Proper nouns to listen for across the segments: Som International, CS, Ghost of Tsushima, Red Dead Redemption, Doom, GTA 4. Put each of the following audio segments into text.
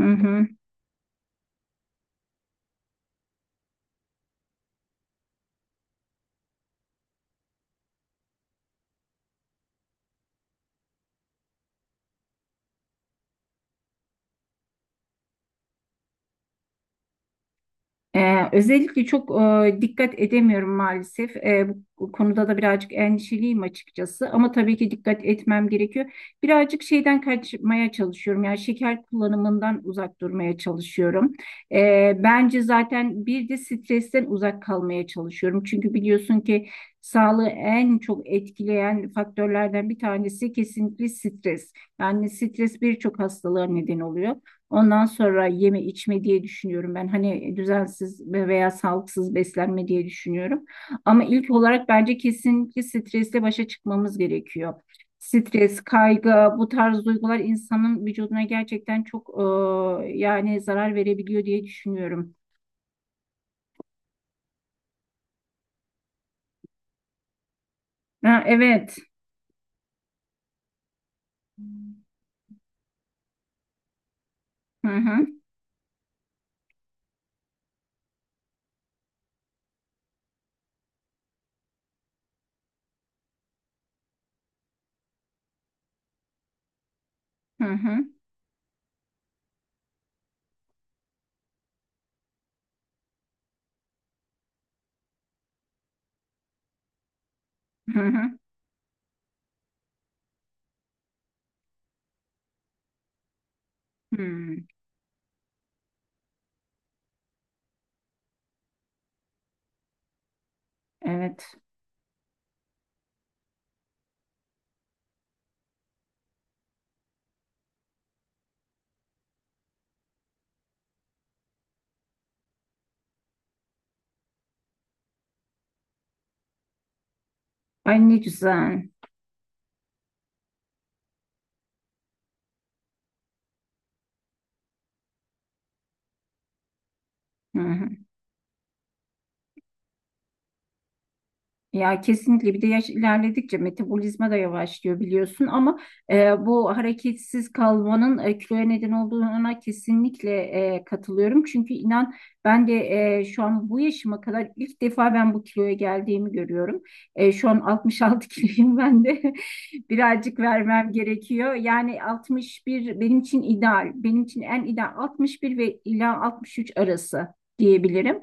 Hı hı. Özellikle çok dikkat edemiyorum maalesef. Bu konuda da birazcık endişeliyim açıkçası. Ama tabii ki dikkat etmem gerekiyor. Birazcık şeyden kaçmaya çalışıyorum. Yani şeker kullanımından uzak durmaya çalışıyorum. Bence zaten bir de stresten uzak kalmaya çalışıyorum. Çünkü biliyorsun ki sağlığı en çok etkileyen faktörlerden bir tanesi kesinlikle stres. Yani stres birçok hastalığa neden oluyor. Ondan sonra yeme içme diye düşünüyorum ben. Hani düzensiz veya sağlıksız beslenme diye düşünüyorum. Ama ilk olarak bence kesinlikle stresle başa çıkmamız gerekiyor. Stres, kaygı, bu tarz duygular insanın vücuduna gerçekten çok yani zarar verebiliyor diye düşünüyorum. Ha, evet. Hı hı hı hı hı hı. Hmm. Evet. Ay ne güzel. Hı hı. Ya kesinlikle bir de yaş ilerledikçe metabolizma da yavaşlıyor biliyorsun ama bu hareketsiz kalmanın kiloya neden olduğuna kesinlikle katılıyorum. Çünkü inan ben de şu an bu yaşıma kadar ilk defa ben bu kiloya geldiğimi görüyorum. Şu an 66 kiloyum ben de birazcık vermem gerekiyor. Yani 61 benim için ideal, benim için en ideal 61 ve ila 63 arası diyebilirim.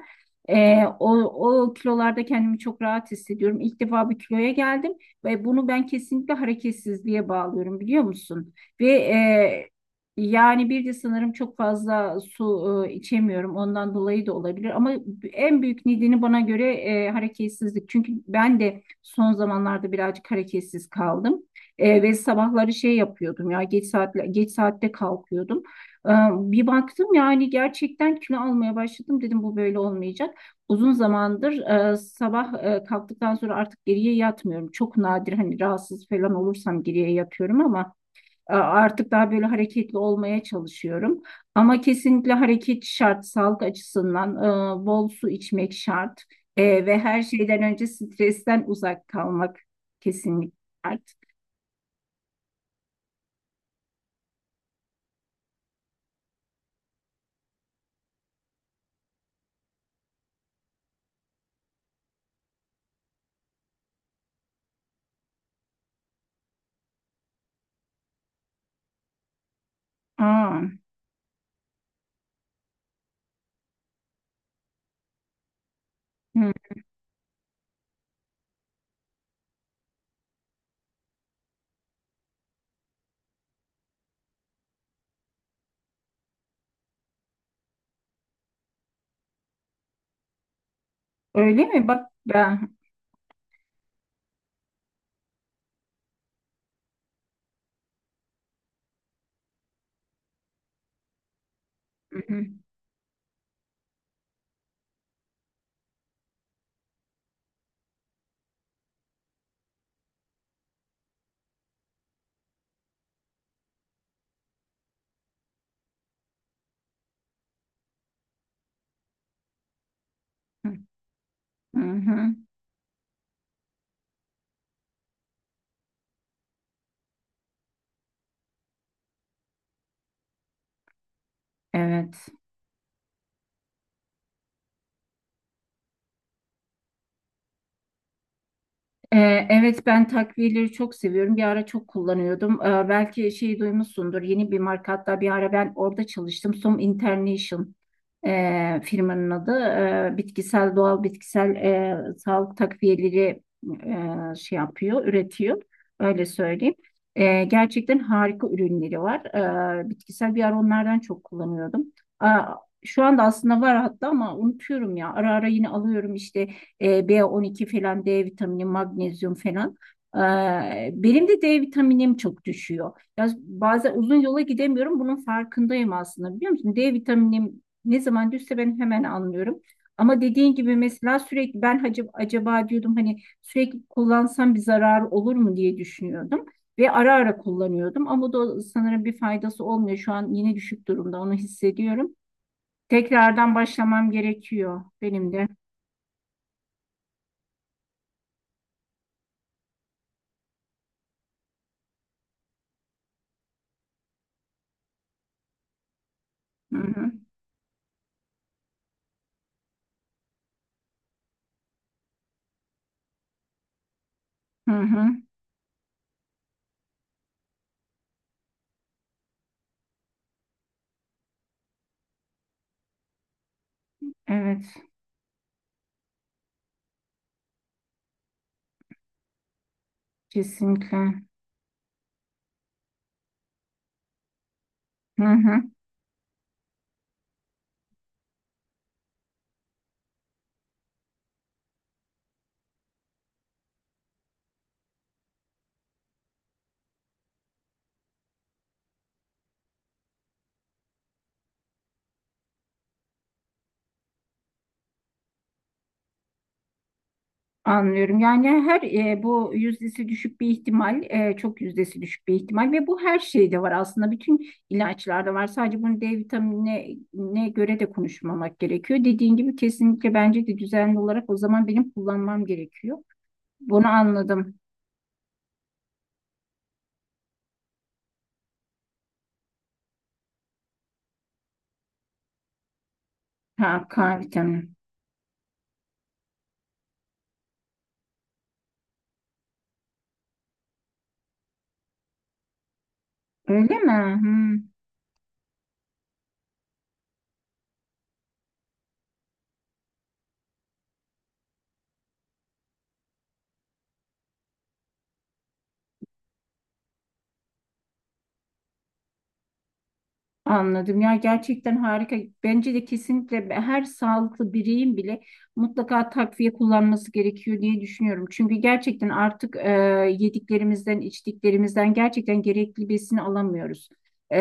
Ee, o, O kilolarda kendimi çok rahat hissediyorum. İlk defa bir kiloya geldim ve bunu ben kesinlikle hareketsizliğe bağlıyorum biliyor musun? Ve e, Yani bir de sanırım çok fazla su içemiyorum. Ondan dolayı da olabilir. Ama en büyük nedeni bana göre hareketsizlik. Çünkü ben de son zamanlarda birazcık hareketsiz kaldım. Ve sabahları şey yapıyordum ya geç saatte kalkıyordum. Bir baktım yani gerçekten kilo almaya başladım dedim bu böyle olmayacak. Uzun zamandır sabah kalktıktan sonra artık geriye yatmıyorum. Çok nadir hani rahatsız falan olursam geriye yatıyorum ama artık daha böyle hareketli olmaya çalışıyorum. Ama kesinlikle hareket şart, sağlık açısından bol su içmek şart. Ve her şeyden önce stresten uzak kalmak kesinlikle şart. Aa, hı. Öyle mi? Bak ben. Hı hı, hı hı. Evet. Evet ben takviyeleri çok seviyorum. Bir ara çok kullanıyordum. Belki şeyi duymuşsundur. Yeni bir marka hatta bir ara ben orada çalıştım. Som International firmanın adı. Bitkisel doğal bitkisel sağlık takviyeleri şey yapıyor, üretiyor. Öyle söyleyeyim. Gerçekten harika ürünleri var. Bitkisel bir ara onlardan çok kullanıyordum. Aa, şu anda aslında var hatta ama unutuyorum ya. Ara ara yine alıyorum işte. B 12 falan, D vitamini, magnezyum falan. Benim de D vitaminim çok düşüyor. Ya bazen uzun yola gidemiyorum. Bunun farkındayım aslında biliyor musun? D vitaminim ne zaman düşse ben hemen anlıyorum. Ama dediğin gibi mesela sürekli ben acaba diyordum hani sürekli kullansam bir zarar olur mu diye düşünüyordum. Ve ara ara kullanıyordum ama da sanırım bir faydası olmuyor. Şu an yine düşük durumda onu hissediyorum. Tekrardan başlamam gerekiyor benim de. Hı hı. Hı hı. Evet, kesinlikle. Hı hı, anlıyorum. Yani bu yüzdesi düşük bir ihtimal, çok yüzdesi düşük bir ihtimal ve bu her şeyde var aslında. Bütün ilaçlarda var. Sadece bunu D vitaminine ne göre de konuşmamak gerekiyor. Dediğin gibi kesinlikle bence de düzenli olarak o zaman benim kullanmam gerekiyor. Bunu anladım. Ha, K vitamini. Öyle mi? Anladım. Ya gerçekten harika. Bence de kesinlikle her sağlıklı bireyin bile mutlaka takviye kullanması gerekiyor diye düşünüyorum. Çünkü gerçekten artık yediklerimizden, içtiklerimizden gerçekten gerekli besini alamıyoruz. E,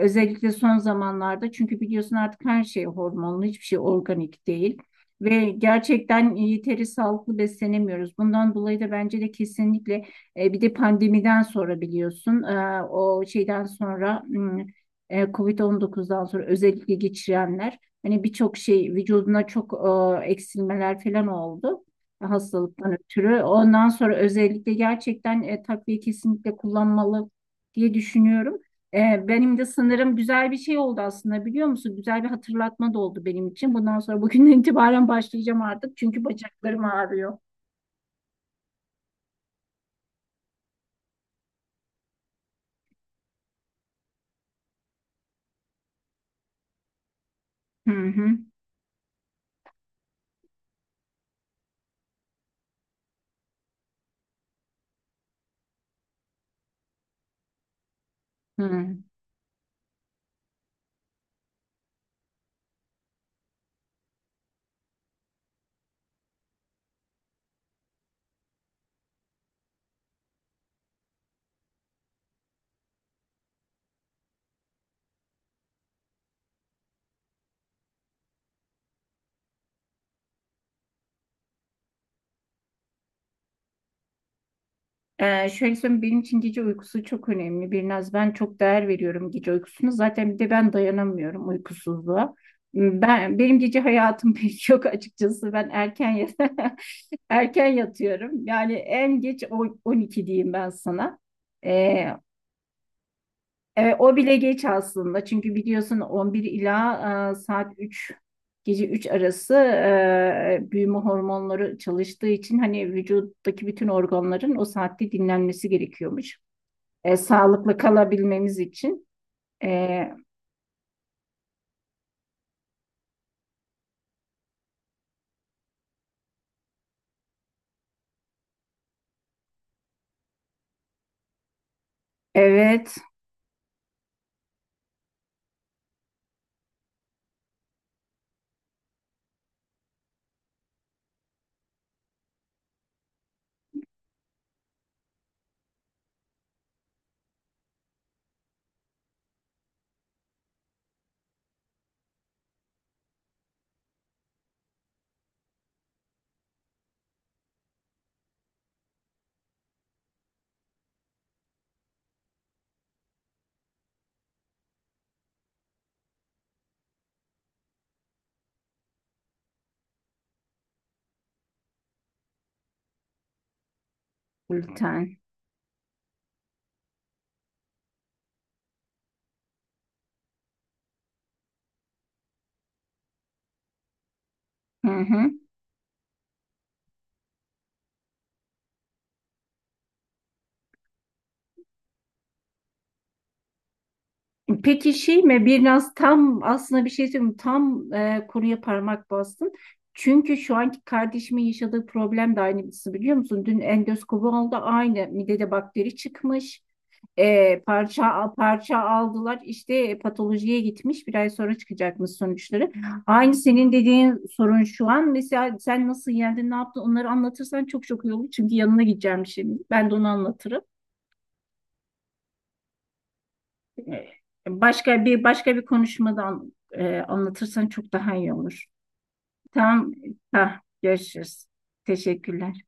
Özellikle son zamanlarda çünkü biliyorsun artık her şey hormonlu, hiçbir şey organik değil. Ve gerçekten yeteri sağlıklı beslenemiyoruz. Bundan dolayı da bence de kesinlikle bir de pandemiden sonra biliyorsun o şeyden sonra e, 19'dan sonra özellikle geçirenler hani birçok şey vücuduna çok eksilmeler falan oldu hastalıktan ötürü. Ondan sonra özellikle gerçekten takviye kesinlikle kullanmalı diye düşünüyorum. Benim de sanırım güzel bir şey oldu aslında biliyor musun? Güzel bir hatırlatma da oldu benim için. Bundan sonra bugünden itibaren başlayacağım artık çünkü bacaklarım ağrıyor. Hı hı. Hı. Şöyle söyleyeyim benim için gece uykusu çok önemli. Birnaz ben çok değer veriyorum gece uykusuna. Zaten bir de ben dayanamıyorum uykusuzluğa. Hmm. Ben benim gece hayatım pek yok açıkçası. Erken yatıyorum. Yani en geç 12 diyeyim ben sana. Ee, O bile geç aslında. Çünkü biliyorsun 11 ila saat 3 gece 3 arası büyüme hormonları çalıştığı için hani vücuttaki bütün organların o saatte dinlenmesi gerekiyormuş. Sağlıklı kalabilmemiz için. E, evet, gluten. Hı hı. Peki şey mi? Biraz tam aslında bir şey söyleyeyim. Tam konuya parmak bastın. Çünkü şu anki kardeşimin yaşadığı problem de aynı birisi biliyor musun? Dün endoskopu aldı aynı midede bakteri çıkmış. Parça parça aldılar işte patolojiye gitmiş 1 ay sonra çıkacakmış sonuçları. Aynı senin dediğin sorun şu an mesela sen nasıl yendin ne yaptın onları anlatırsan çok çok iyi olur çünkü yanına gideceğim şimdi ben de onu anlatırım. Başka bir konuşmadan anlatırsan çok daha iyi olur. Tamam, ha, görüşürüz. Teşekkürler.